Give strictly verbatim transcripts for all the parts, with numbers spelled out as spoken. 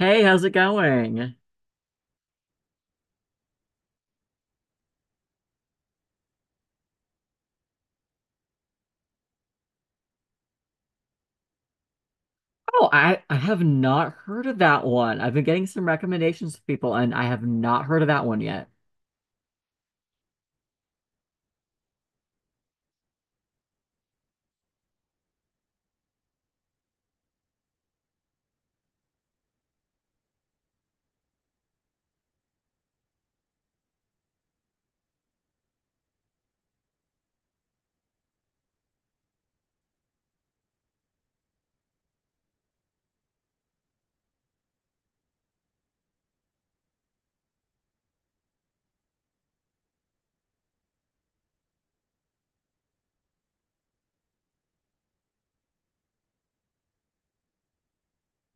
Hey, how's it going? Oh, I, I have not heard of that one. I've been getting some recommendations from people, and I have not heard of that one yet.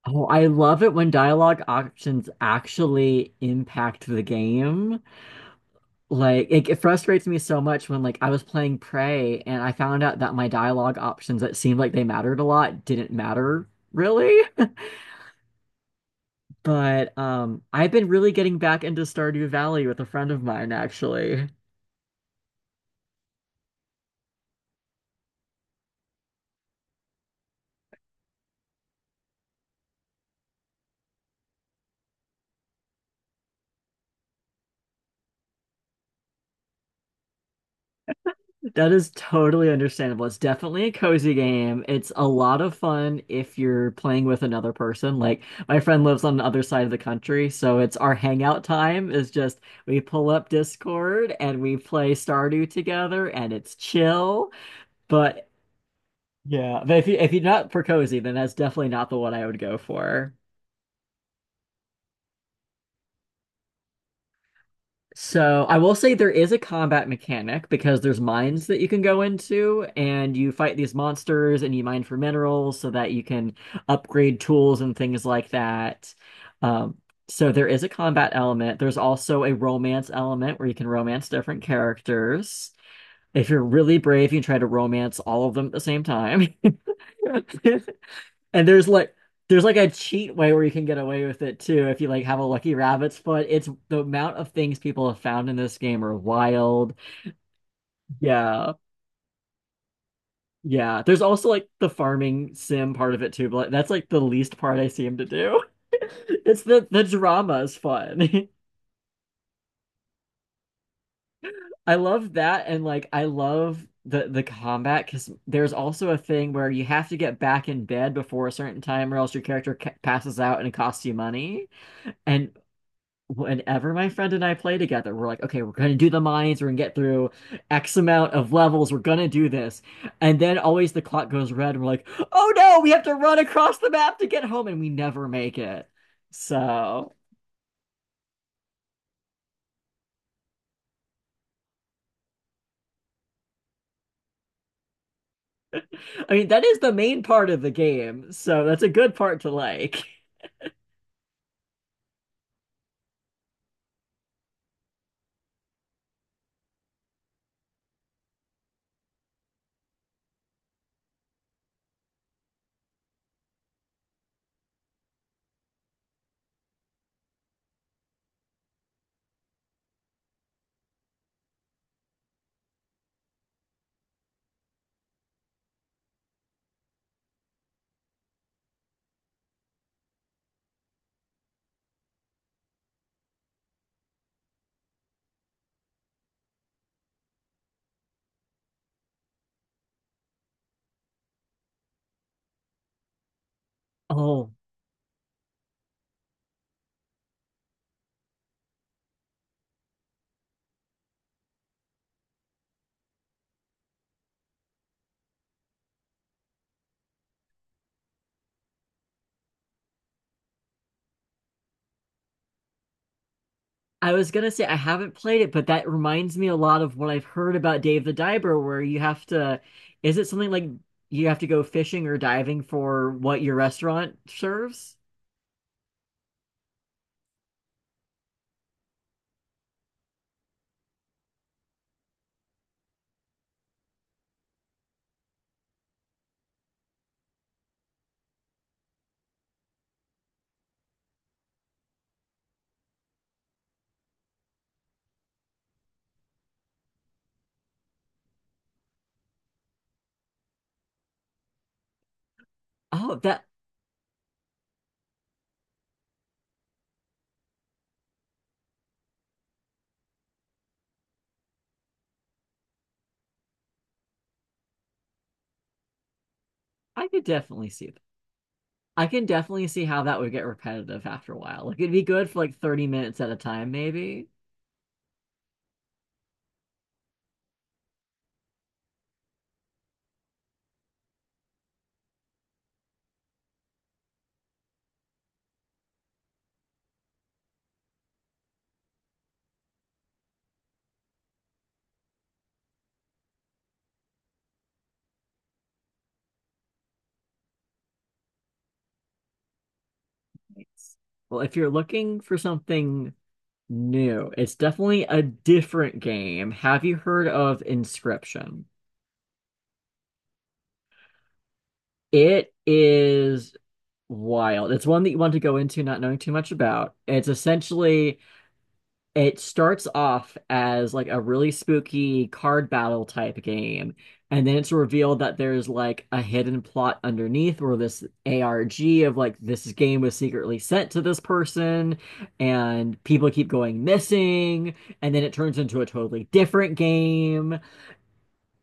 Oh, I love it when dialogue options actually impact the game. Like, it, it frustrates me so much when, like, I was playing Prey and I found out that my dialogue options that seemed like they mattered a lot didn't matter really. But um, I've been really getting back into Stardew Valley with a friend of mine, actually. That is totally understandable. It's definitely a cozy game. It's a lot of fun if you're playing with another person. Like my friend lives on the other side of the country, so it's our hangout time is just we pull up Discord and we play Stardew together and it's chill. But yeah, but if you if you're not for cozy, then that's definitely not the one I would go for. So I will say there is a combat mechanic because there's mines that you can go into and you fight these monsters and you mine for minerals so that you can upgrade tools and things like that. Um, so there is a combat element. There's also a romance element where you can romance different characters. If you're really brave, you can try to romance all of them at the same time. And there's like there's like a cheat way where you can get away with it too if you like have a lucky rabbit's foot. It's the amount of things people have found in this game are wild. Yeah. Yeah. There's also like the farming sim part of it too, but like, that's like the least part I seem to do. It's the the drama is fun. I love that and like I love the the combat because there's also a thing where you have to get back in bed before a certain time or else your character ca passes out and it costs you money. And whenever my friend and I play together, we're like, okay, we're gonna do the mines, we're gonna get through X amount of levels, we're gonna do this. And then always the clock goes red, and we're like, oh no, we have to run across the map to get home, and we never make it. So, I mean, that is the main part of the game, so that's a good part to like. Oh, I was gonna say I haven't played it, but that reminds me a lot of what I've heard about Dave the Diver, where you have to, is it something like you have to go fishing or diving for what your restaurant serves? Oh, that I could definitely see that. I can definitely see how that would get repetitive after a while. Like it'd be good for like thirty minutes at a time, maybe. Nice. Well, if you're looking for something new, it's definitely a different game. Have you heard of Inscription? It is wild. It's one that you want to go into not knowing too much about. It's essentially it starts off as like a really spooky card battle type game, and then it's revealed that there's like a hidden plot underneath where this A R G of like this game was secretly sent to this person, and people keep going missing, and then it turns into a totally different game.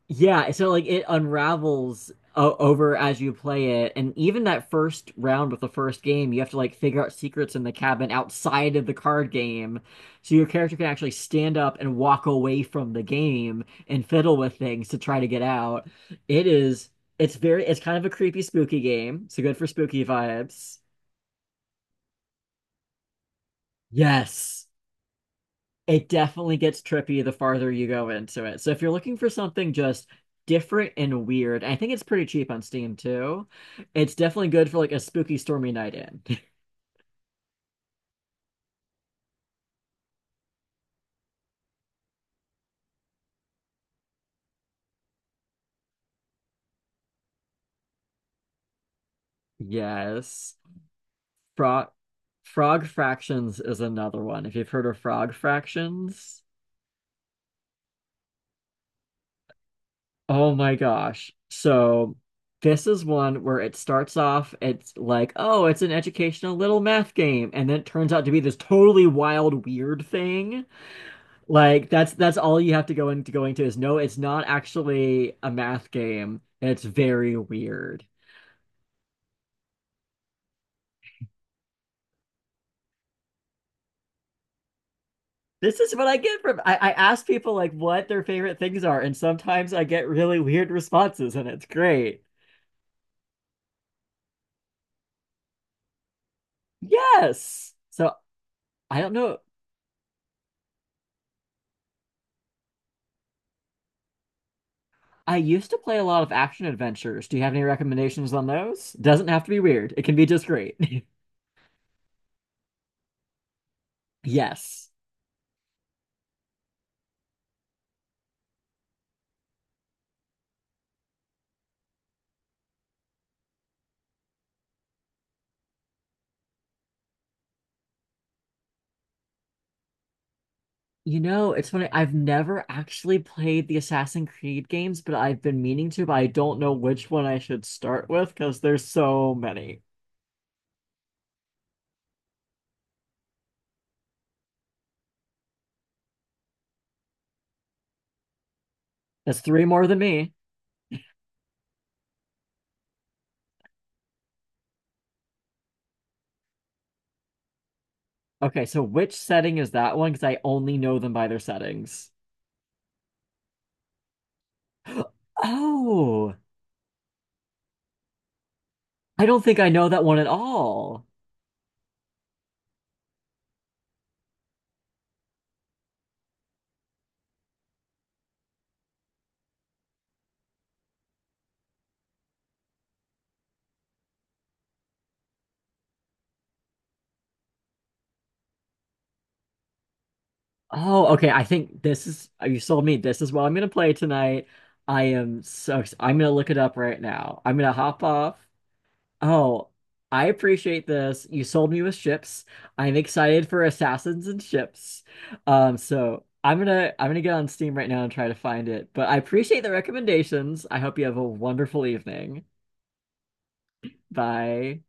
Yeah, so like it unravels o over as you play it, and even that first round with the first game, you have to like figure out secrets in the cabin outside of the card game, so your character can actually stand up and walk away from the game and fiddle with things to try to get out. It is, it's very, it's kind of a creepy, spooky game, so good for spooky vibes. Yes. It definitely gets trippy the farther you go into it. So if you're looking for something just different and weird, I think it's pretty cheap on Steam too. It's definitely good for like a spooky stormy night in. Yes. Frog Frog Fractions is another one. If you've heard of Frog Fractions, oh my gosh. So this is one where it starts off, it's like, oh, it's an educational little math game, and then it turns out to be this totally wild, weird thing. Like that's that's all you have to go into going to is no, it's not actually a math game, and it's very weird. This is what I get from I, I ask people like what their favorite things are, and sometimes I get really weird responses, and it's great. Yes. So I don't know. I used to play a lot of action adventures. Do you have any recommendations on those? Doesn't have to be weird. It can be just great. Yes. You know, it's funny. I've never actually played the Assassin's Creed games, but I've been meaning to, but I don't know which one I should start with because there's so many. That's three more than me. Okay, so which setting is that one? Because I only know them by their settings. Oh, I don't think I know that one at all. Oh, okay. I think this is, uh, you sold me. This is what I'm going to play tonight. I am so, ex- I'm going to look it up right now. I'm going to hop off. Oh, I appreciate this. You sold me with ships. I'm excited for Assassins and Ships. Um, so I'm gonna I'm gonna get on Steam right now and try to find it. But I appreciate the recommendations. I hope you have a wonderful evening. Bye.